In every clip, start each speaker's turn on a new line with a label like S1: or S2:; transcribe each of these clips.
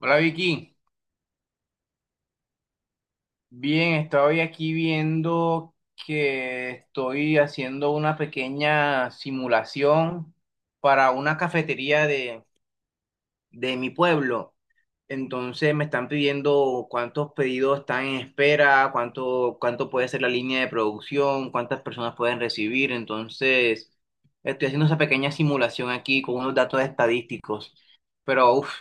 S1: Hola Vicky, bien, estoy aquí viendo que estoy haciendo una pequeña simulación para una cafetería de mi pueblo. Entonces me están pidiendo cuántos pedidos están en espera, cuánto puede ser la línea de producción, cuántas personas pueden recibir. Entonces estoy haciendo esa pequeña simulación aquí con unos datos estadísticos. Pero uff,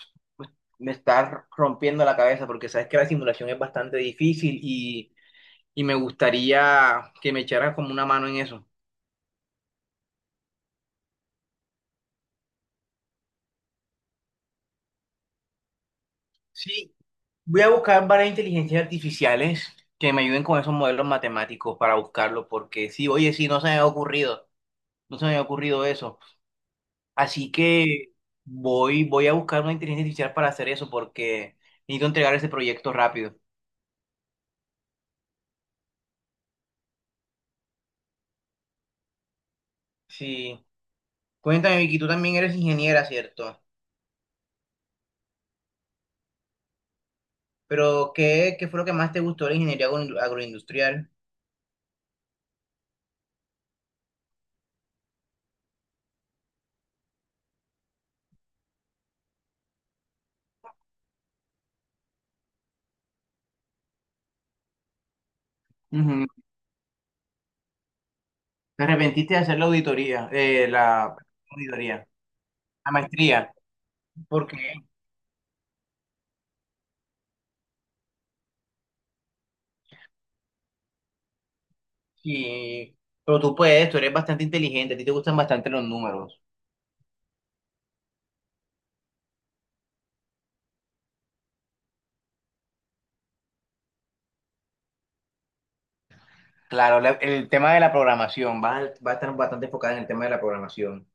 S1: me está rompiendo la cabeza porque sabes que la simulación es bastante difícil y me gustaría que me echaras como una mano en eso. Sí, voy a buscar varias inteligencias artificiales que me ayuden con esos modelos matemáticos para buscarlo porque sí, oye, sí, no se me ha ocurrido, no se me ha ocurrido eso. Así que voy a buscar una inteligencia artificial para hacer eso porque necesito entregar ese proyecto rápido. Sí, cuéntame, Vicky, tú también eres ingeniera, ¿cierto? Pero, ¿qué fue lo que más te gustó de la ingeniería agroindustrial? Ujú. Te arrepentiste de hacer la auditoría, la auditoría, la maestría. Porque, sí, pero tú puedes, tú eres bastante inteligente, a ti te gustan bastante los números. Claro, el tema de la programación, va a estar bastante enfocada en el tema de la programación.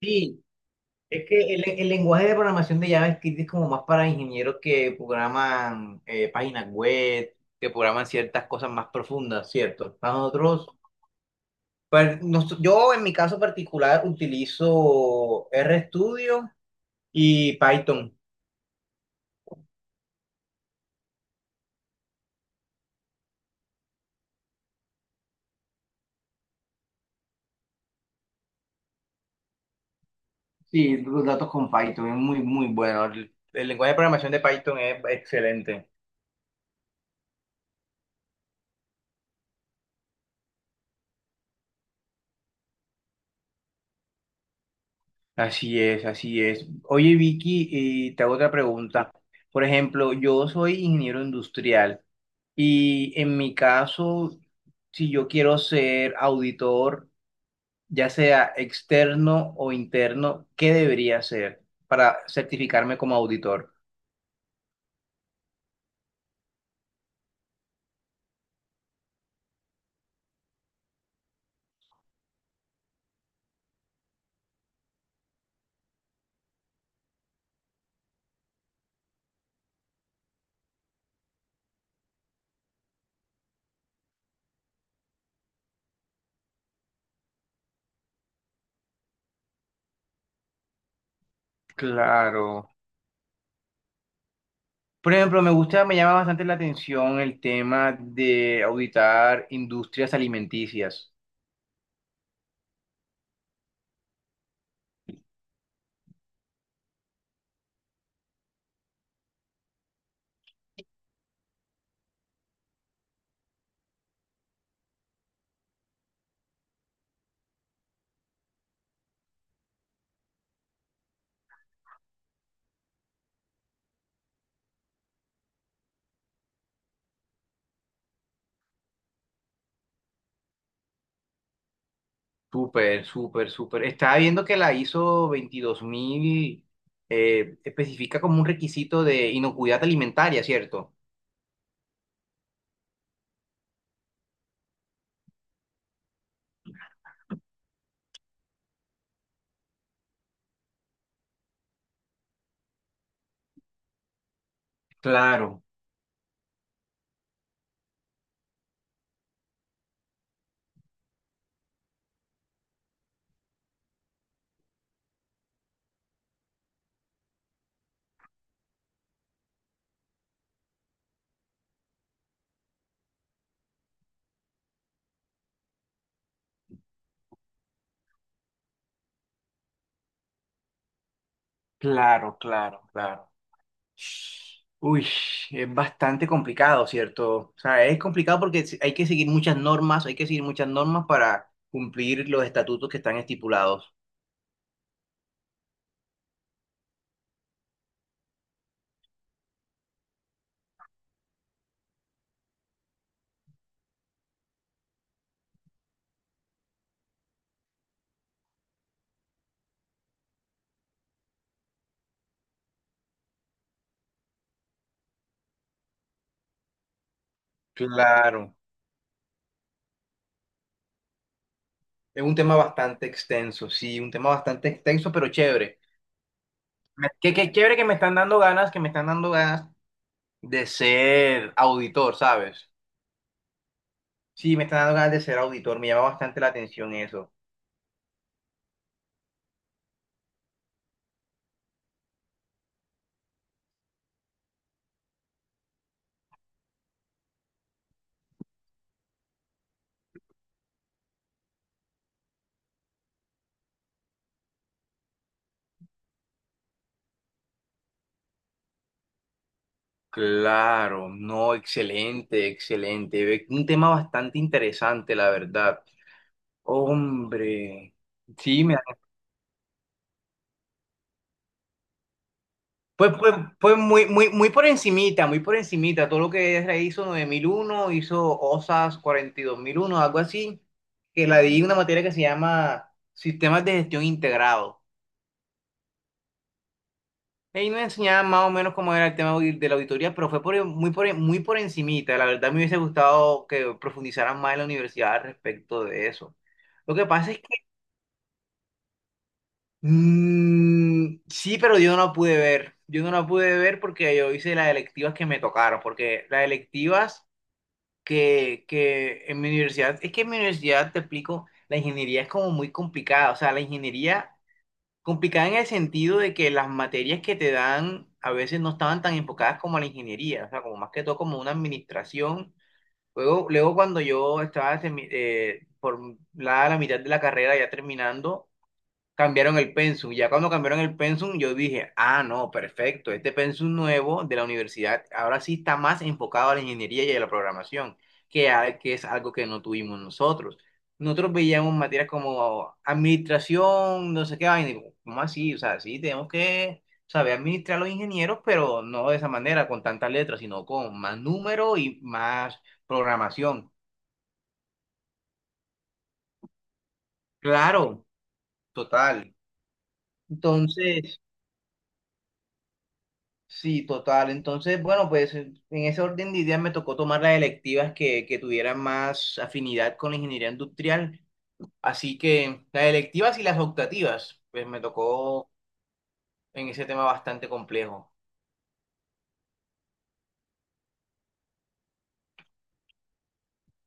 S1: Sí, es que el lenguaje de programación de JavaScript es como más para ingenieros que programan páginas web, que programan ciertas cosas más profundas, ¿cierto? Para nosotros, pues, yo en mi caso particular utilizo RStudio y Python. Sí, los datos con Python es muy, muy bueno. El lenguaje de programación de Python es excelente. Así es, así es. Oye, Vicky, y te hago otra pregunta. Por ejemplo, yo soy ingeniero industrial y en mi caso, si yo quiero ser auditor, ya sea externo o interno, ¿qué debería hacer para certificarme como auditor? Claro. Por ejemplo, me gusta, me llama bastante la atención el tema de auditar industrias alimenticias. Súper, súper, súper. Estaba viendo que la ISO 22000 especifica como un requisito de inocuidad alimentaria, ¿cierto? Claro, claro, claro, claro. Uy, es bastante complicado, ¿cierto? O sea, es complicado porque hay que seguir muchas normas, hay que seguir muchas normas para cumplir los estatutos que están estipulados. Claro. Es un tema bastante extenso, sí, un tema bastante extenso, pero chévere. Qué chévere que me están dando ganas, que me están dando ganas de ser auditor, ¿sabes? Sí, me están dando ganas de ser auditor, me llama bastante la atención eso. Claro, no, excelente, excelente. Un tema bastante interesante, la verdad. Hombre, sí, pues muy, muy, muy por encimita, muy por encimita. Todo lo que ella hizo 9001 hizo OSAS 42.001 algo así, que la di una materia que se llama Sistemas de Gestión Integrado. Ahí me enseñaban más o menos cómo era el tema de la auditoría, pero fue muy por encimita. La verdad me hubiese gustado que profundizaran más en la universidad al respecto de eso. Lo que pasa es que sí, pero yo no la pude ver. Yo no la pude ver porque yo hice las electivas que me tocaron, porque las electivas que en mi universidad, es que en mi universidad te explico, la ingeniería es como muy complicada, o sea, la ingeniería complicada en el sentido de que las materias que te dan a veces no estaban tan enfocadas como a la ingeniería, o sea, como más que todo como una administración. Luego, luego cuando yo estaba por la mitad de la carrera ya terminando, cambiaron el pensum. Ya cuando cambiaron el pensum, yo dije, ah, no, perfecto, este pensum nuevo de la universidad ahora sí está más enfocado a la ingeniería y a la programación, que es algo que no tuvimos nosotros. Nosotros veíamos materias como administración, no sé qué vaina, y digo, ¿cómo así? O sea, sí, tenemos que saber administrar a los ingenieros, pero no de esa manera, con tantas letras, sino con más número y más programación. Claro, total. Entonces, sí, total. Entonces, bueno, pues en ese orden de ideas me tocó tomar las electivas que tuvieran más afinidad con la ingeniería industrial. Así que las electivas y las optativas, pues me tocó en ese tema bastante complejo.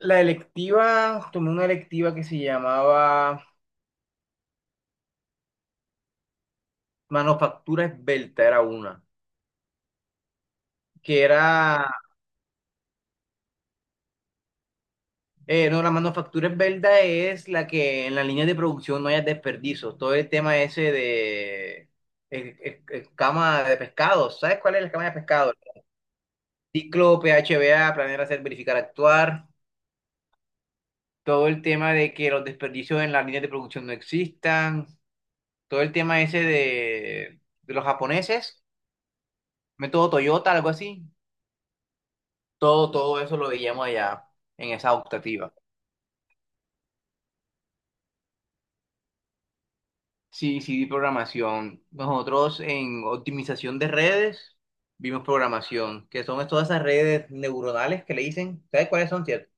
S1: La electiva, tomé una electiva que se llamaba Manufactura Esbelta, era una, que era no, la manufactura es verdad, es la que en la línea de producción no haya desperdicios. Todo el tema ese de cama de pescado. ¿Sabes cuál es la cama de pescado? Ciclo, PHBA, planear, hacer, verificar, actuar. Todo el tema de que los desperdicios en las líneas de producción no existan. Todo el tema ese de los japoneses. Método Toyota, algo así. Todo eso lo veíamos allá en esa optativa. Sí, sí, vi programación. Nosotros en optimización de redes vimos programación, que son todas esas redes neuronales que le dicen. ¿Sabes cuáles son, cierto?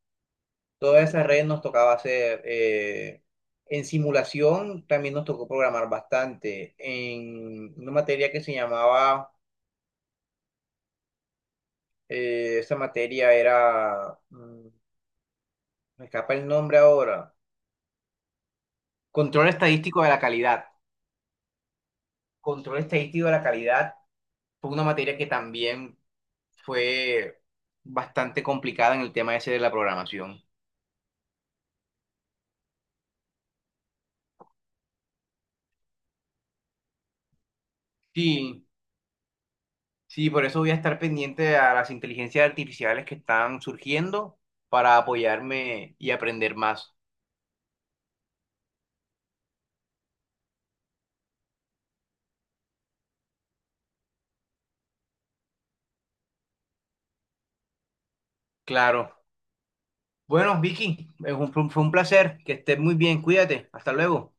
S1: Todas esas redes nos tocaba hacer. En simulación también nos tocó programar bastante. En una materia que se llamaba, esa materia era, me escapa el nombre ahora, control estadístico de la calidad. Control estadístico de la calidad fue una materia que también fue bastante complicada en el tema ese de la programación. Sí, sí, por eso voy a estar pendiente a las inteligencias artificiales que están surgiendo para apoyarme y aprender más. Claro. Bueno, Vicky, fue un placer. Que estés muy bien. Cuídate. Hasta luego.